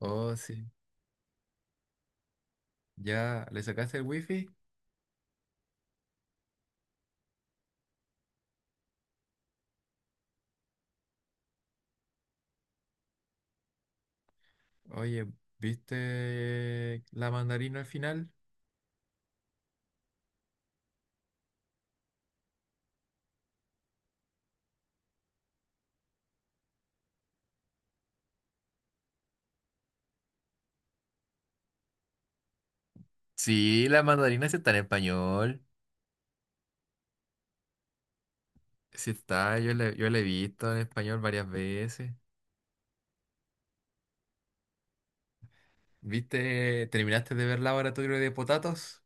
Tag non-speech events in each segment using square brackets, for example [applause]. Oh, sí. ¿Ya le sacaste el wifi? Oye, ¿viste la mandarina al final? Sí, la mandarina sí está en español. Sí está, yo la he visto en español varias veces. ¿Viste? ¿Terminaste de ver Laboratorio de Potatos?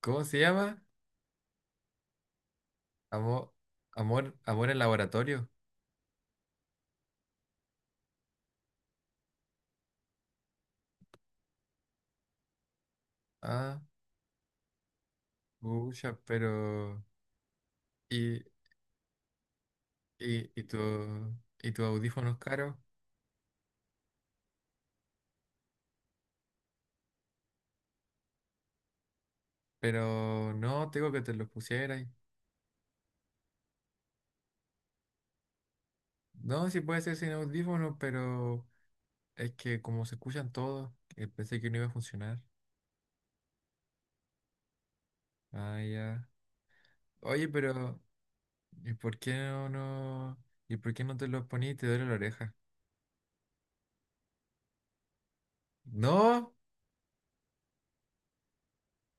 ¿Cómo se llama? Amor, amor, amor en laboratorio. Ah, pucha, pero... ¿Y, y, y tu, y tus audífonos caros? Pero no, tengo que te los pusieras. No, sí puede ser sin audífonos, pero es que como se escuchan todos, pensé que no iba a funcionar. Ah, ya. Oye, pero ¿y por qué no, no? ¿Y por qué no te los poní y te duele la oreja? No,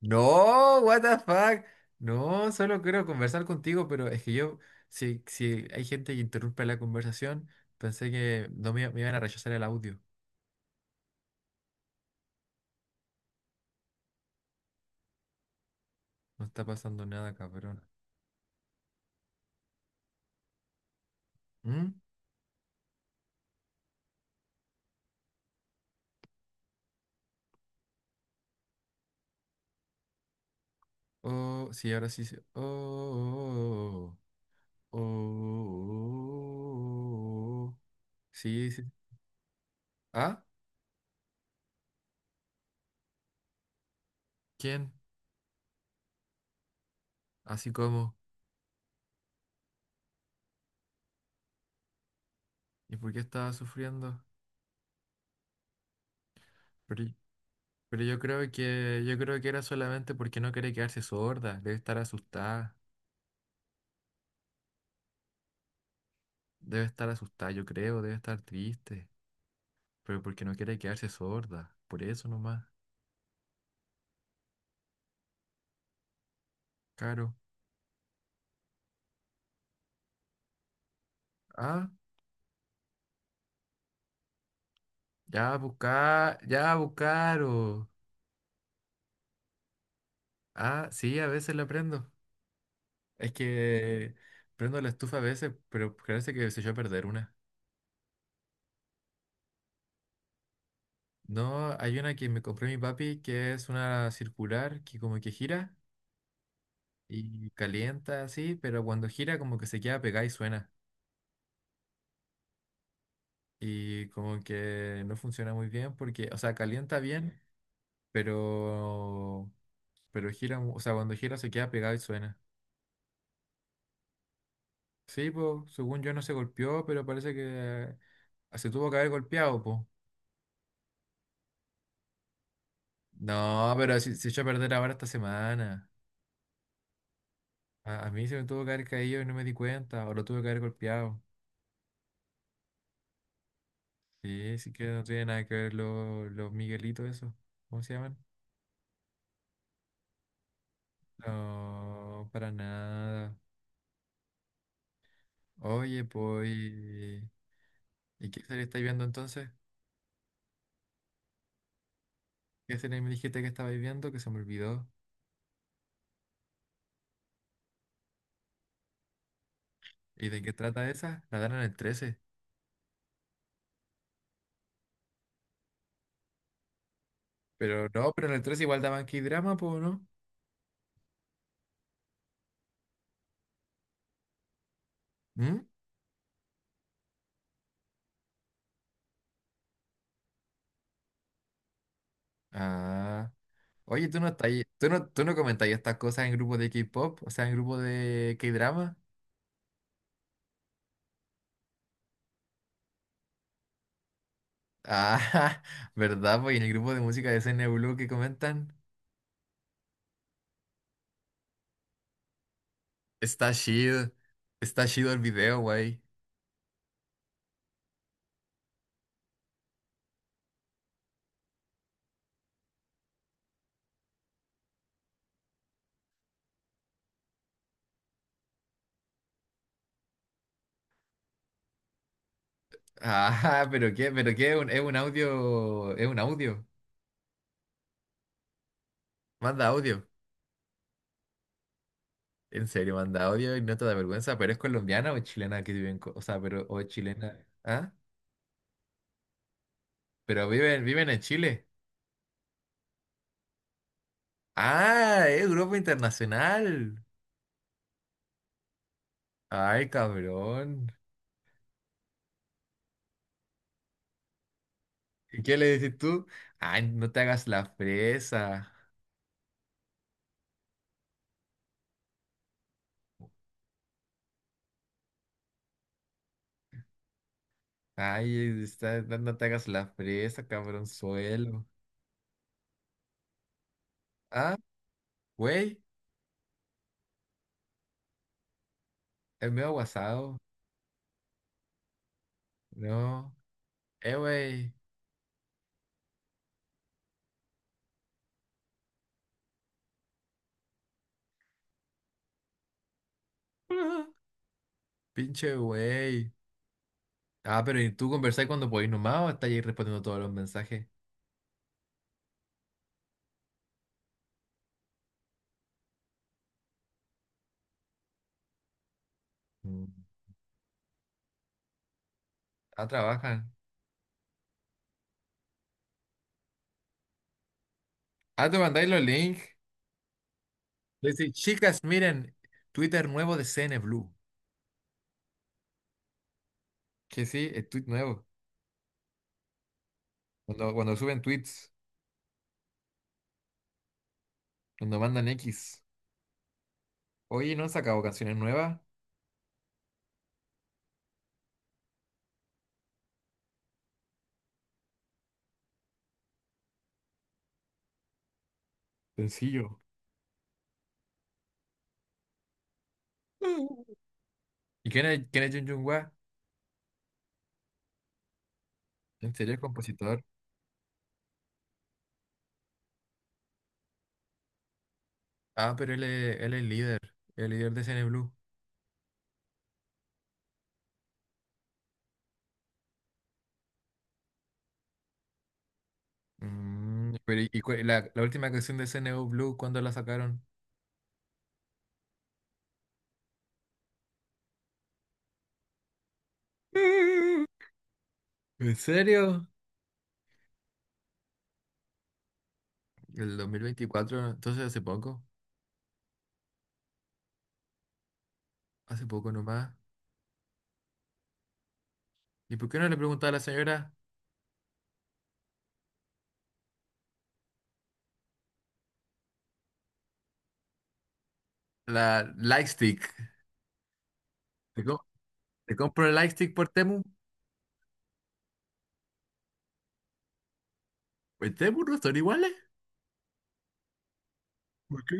no, what the fuck. No, solo quiero conversar contigo, pero es que yo, si hay gente que interrumpe la conversación, pensé que no me iban a rechazar el audio. No está pasando nada, cabrón. ¿Mm? Oh, sí, ahora sí. Oh, oh, oh, oh. Oh, oh, oh. Oh, sí, sí. ¿Ah? ¿Quién? ¿Así como? ¿Y por qué estaba sufriendo? Pero, pero yo creo que era solamente porque no quería quedarse sorda. Debe estar asustada. Debe estar asustada, yo creo. Debe estar triste. Pero porque no quiere quedarse sorda. Por eso nomás. Caro. Ah, ya buscaro. Ah, sí, a veces la prendo. Es que prendo la estufa a veces, pero parece que se echó a perder una. No, hay una que me compró mi papi que es una circular que como que gira y calienta así, pero cuando gira como que se queda pegada y suena. Y como que no funciona muy bien porque, o sea, calienta bien, pero, pero gira, o sea, cuando gira se queda pegada y suena. Sí, pues, según yo no se golpeó, pero parece que se tuvo que haber golpeado, pues. No, pero si se echó a perder ahora esta semana. A mí se me tuvo que haber caído y no me di cuenta, o lo tuve que haber golpeado. Sí, sí que no tiene nada que ver los Miguelitos, esos. ¿Cómo se llaman? No, para nada. Oye, pues. ¿Y qué serie estáis viendo entonces? ¿Qué serie me dijiste que estabais viendo que se me olvidó? ¿Y de qué trata esa? La dan en el 13. Pero no, pero en el 13 igual daban K-drama, pues, ¿no? ¿Mm? Ah. Oye, ¿tú no estás tú no comentáis estas cosas en grupos de K-pop? O sea, en grupos de K-drama. Ah, [laughs] ¿verdad? Pues y en el grupo de música de CNW que comentan. Está chido, está chido el video, güey. Ajá, [laughs] pero qué, es un audio, es un audio. Manda audio. En serio, manda audio y no te da vergüenza, pero es colombiana o es chilena que viven, o sea, pero, o es chilena, ¿ah? Pero viven en Chile. Ah, es grupo internacional. Ay, cabrón. ¿Y qué le decís tú? Ay, no te hagas la fresa. Ay, está, no no te hagas la fresa, cabrón suelo. Ah, güey, es medio aguasado. No. Güey. [laughs] Pinche güey. Ah, pero ¿y tú conversáis cuando podéis nomás o estáis ahí respondiendo todos los mensajes? Mm. Ah, trabajan. Ah, te mandáis los links. Le decís, chicas, miren, Twitter nuevo de CNBLUE. Que sí, es tweet nuevo. Cuando suben tweets, cuando mandan X. Oye, ¿no han sacado canciones nuevas? Sencillo. [laughs] Mm. ¿Y quién es Jun Jun Hwa? ¿En serio es compositor? Ah, pero él es líder. El líder de CNBLUE. Mm, pero ¿la última canción de CNU Blue, cuándo la sacaron? ¿En serio? El 2024, entonces hace poco nomás. ¿Y por qué no le preguntaba a la señora la Lightstick? ¿Te, com- te compro el Lightstick por Temu? ¿Por Temu no son iguales? ¿Por qué?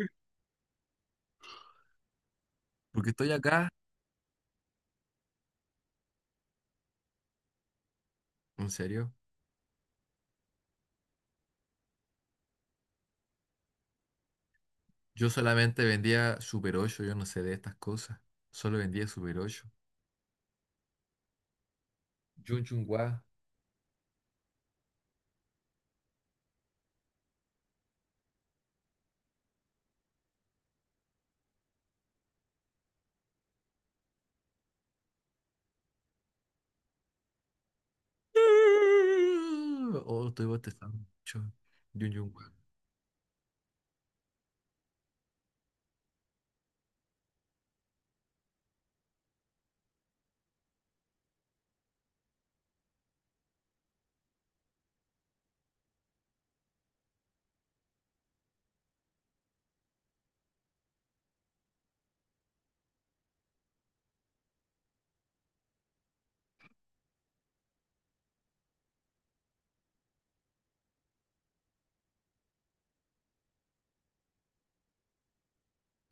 Porque estoy acá, en serio. Yo solamente vendía Super 8, yo no sé de estas cosas. Solo vendía Super 8. Jun Jun Hwa. Oh, estoy bostezando mucho. Jun Jun Hwa.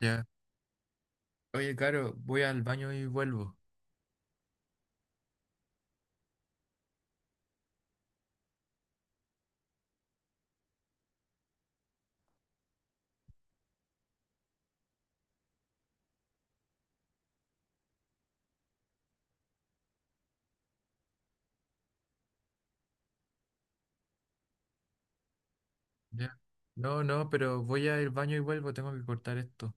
Ya. Oye, claro, voy al baño y vuelvo. ¿Ya? No, no, pero voy al baño y vuelvo, tengo que cortar esto.